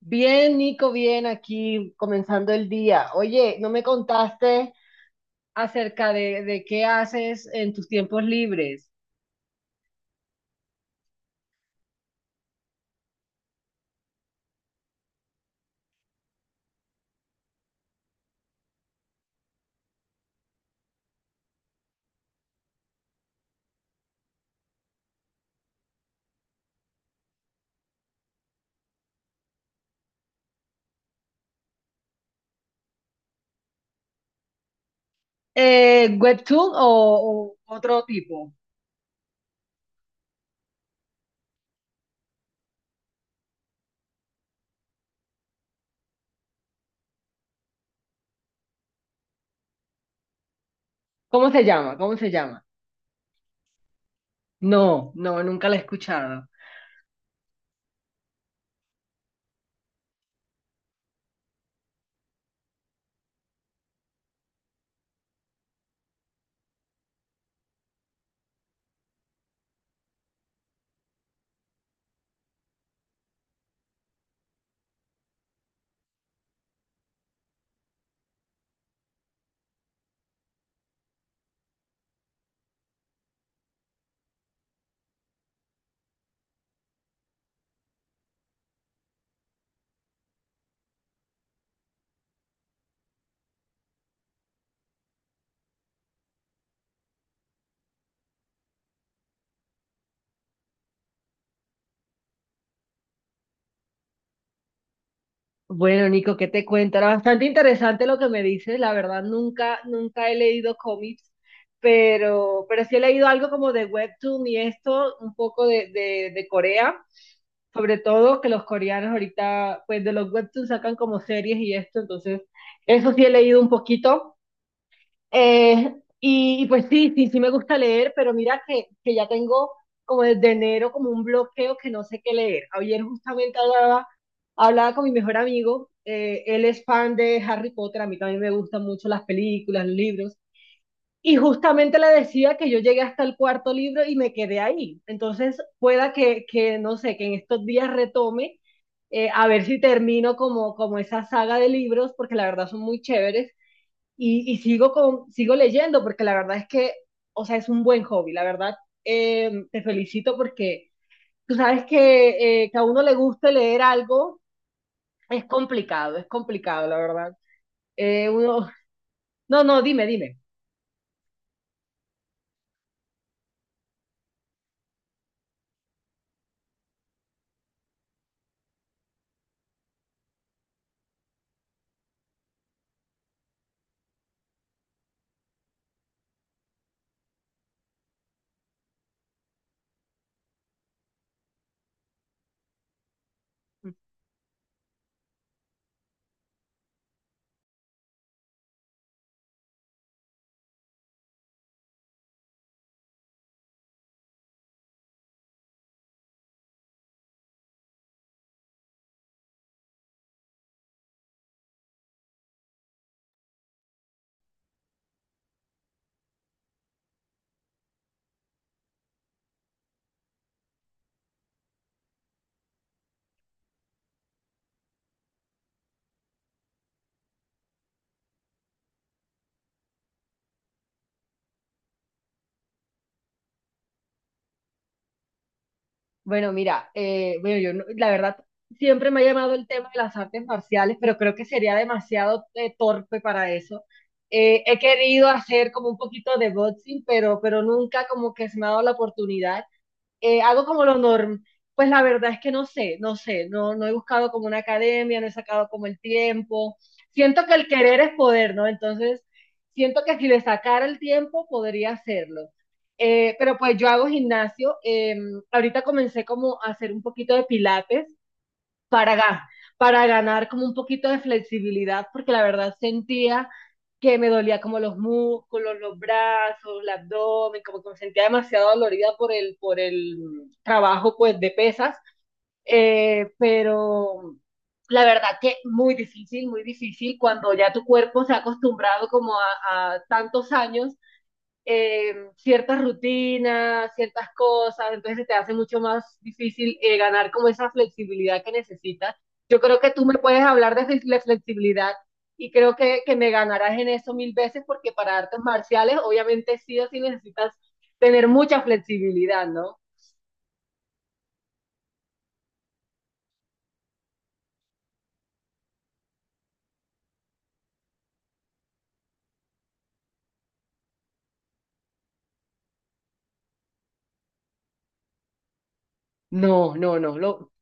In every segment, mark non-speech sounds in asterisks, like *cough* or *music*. Bien, Nico, bien, aquí comenzando el día. Oye, no me contaste acerca de qué haces en tus tiempos libres. ¿Webtoon o otro tipo? ¿Cómo se llama? ¿Cómo se llama? No, no, nunca la he escuchado. Bueno, Nico, ¿qué te cuento? Era bastante interesante lo que me dices. La verdad, nunca, nunca he leído cómics, pero sí he leído algo como de Webtoon y esto, un poco de Corea. Sobre todo que los coreanos ahorita, pues de los webtoons sacan como series y esto, entonces eso sí he leído un poquito. Y, y, pues sí, sí, sí me gusta leer, pero mira que ya tengo como desde enero como un bloqueo que no sé qué leer. Ayer justamente hablaba, hablaba con mi mejor amigo, él es fan de Harry Potter, a mí también me gustan mucho las películas, los libros, y justamente le decía que yo llegué hasta el cuarto libro y me quedé ahí. Entonces, pueda que no sé, que en estos días retome, a ver si termino como, como esa saga de libros, porque la verdad son muy chéveres. Y sigo, con, sigo leyendo, porque la verdad es que, o sea, es un buen hobby. La verdad, te felicito porque tú sabes que a uno le guste leer algo es complicado, la verdad. Uno... No, no, dime, dime. Bueno, mira, bueno, yo no- la verdad siempre me ha llamado el tema de las artes marciales, pero creo que sería demasiado torpe para eso. He querido hacer como un poquito de boxing, pero nunca como que se me ha dado la oportunidad hago como lo normal. Pues la verdad es que no sé, no sé, no, no he buscado como una academia, no he sacado como el tiempo. Siento que el querer es poder, ¿no? Entonces, siento que si le sacara el tiempo, podría hacerlo. Pero pues yo hago gimnasio. Ahorita comencé como a hacer un poquito de pilates para, para ganar como un poquito de flexibilidad, porque la verdad sentía que me dolía como los músculos, los brazos, el abdomen, como que me sentía demasiado dolorida por el trabajo pues de pesas. Pero la verdad que muy difícil cuando ya tu cuerpo se ha acostumbrado como a tantos años ciertas rutinas, ciertas cosas, entonces se te hace mucho más difícil ganar como esa flexibilidad que necesitas. Yo creo que tú me puedes hablar de de flexibilidad y creo que me ganarás en eso mil veces porque para artes marciales obviamente sí o sí necesitas tener mucha flexibilidad, ¿no? No, no, no, lo...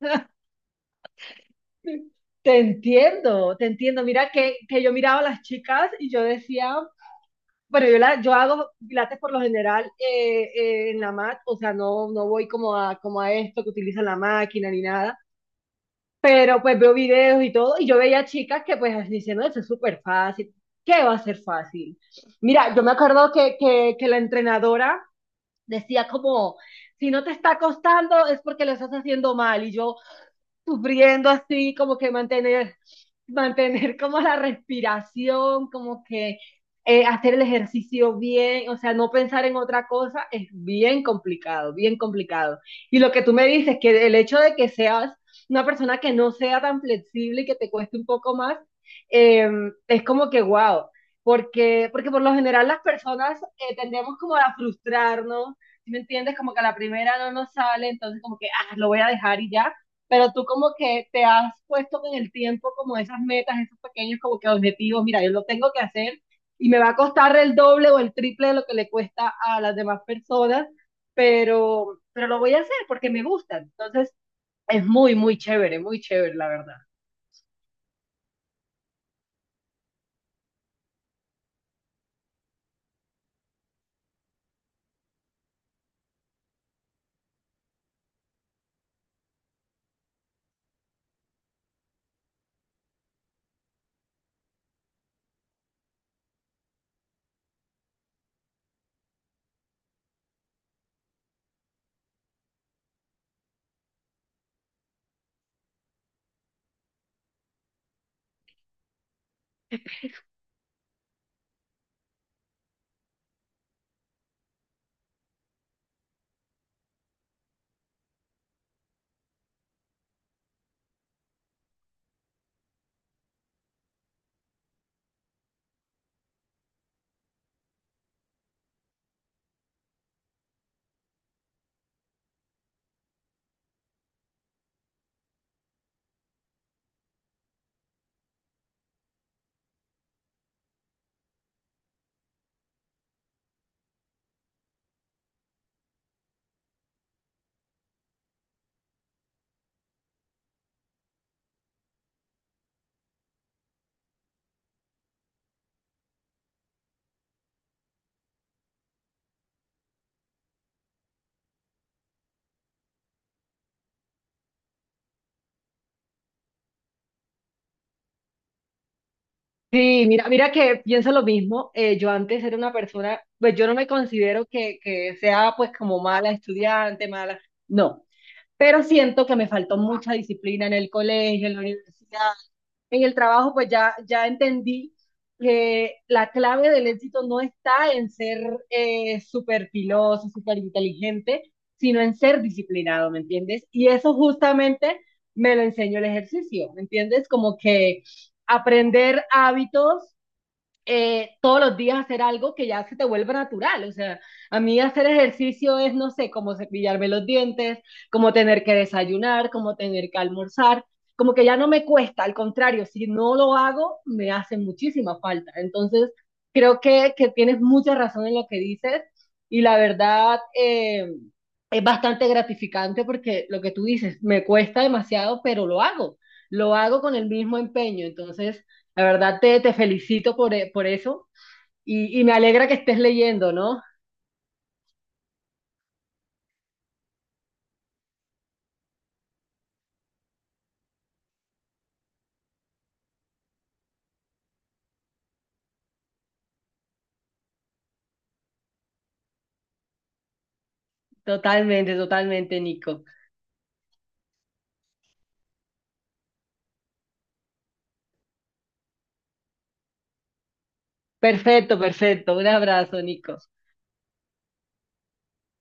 *laughs* Te entiendo, te entiendo. Mira que yo miraba a las chicas y yo decía, bueno, yo, la, yo hago pilates por lo general en la mat, o sea, no, no voy como a, como a esto que utilizan la máquina ni nada, pero pues veo videos y todo, y yo veía chicas que pues diciendo, eso es súper fácil, ¿qué va a ser fácil? Mira, yo me acuerdo que la entrenadora decía como, si no te está costando es porque lo estás haciendo mal, y yo, sufriendo así, como que mantener, mantener como la respiración, como que hacer el ejercicio bien, o sea, no pensar en otra cosa es bien complicado, bien complicado. Y lo que tú me dices, que el hecho de que seas una persona que no sea tan flexible y que te cueste un poco más, eh, es como que wow. Porque, porque por lo general las personas tendemos como a frustrarnos, ¿sí? ¿Me entiendes? Como que a la primera no nos sale, entonces como que, ah, lo voy a dejar y ya, pero tú como que te has puesto con el tiempo como esas metas, esos pequeños como que objetivos, mira, yo lo tengo que hacer y me va a costar el doble o el triple de lo que le cuesta a las demás personas, pero lo voy a hacer porque me gusta. Entonces, es muy, muy chévere, la verdad. Sí, mira, mira que pienso lo mismo. Yo antes era una persona, pues yo no me considero que sea pues como mala estudiante, mala, no, pero siento que me faltó mucha disciplina en el colegio, en la universidad, en el trabajo, pues ya, ya entendí que la clave del éxito no está en ser súper filoso, súper inteligente, sino en ser disciplinado, ¿me entiendes? Y eso justamente me lo enseñó el ejercicio, ¿me entiendes? Como que aprender hábitos todos los días hacer algo que ya se te vuelva natural. O sea, a mí hacer ejercicio es, no sé, como cepillarme los dientes, como tener que desayunar, como tener que almorzar, como que ya no me cuesta, al contrario, si no lo hago, me hace muchísima falta. Entonces, creo que tienes mucha razón en lo que dices y la verdad... es bastante gratificante porque lo que tú dices, me cuesta demasiado, pero lo hago con el mismo empeño. Entonces, la verdad te, te felicito por, por eso y me alegra que estés leyendo, ¿no? Totalmente, totalmente, Nico. Perfecto, perfecto. Un abrazo, Nico.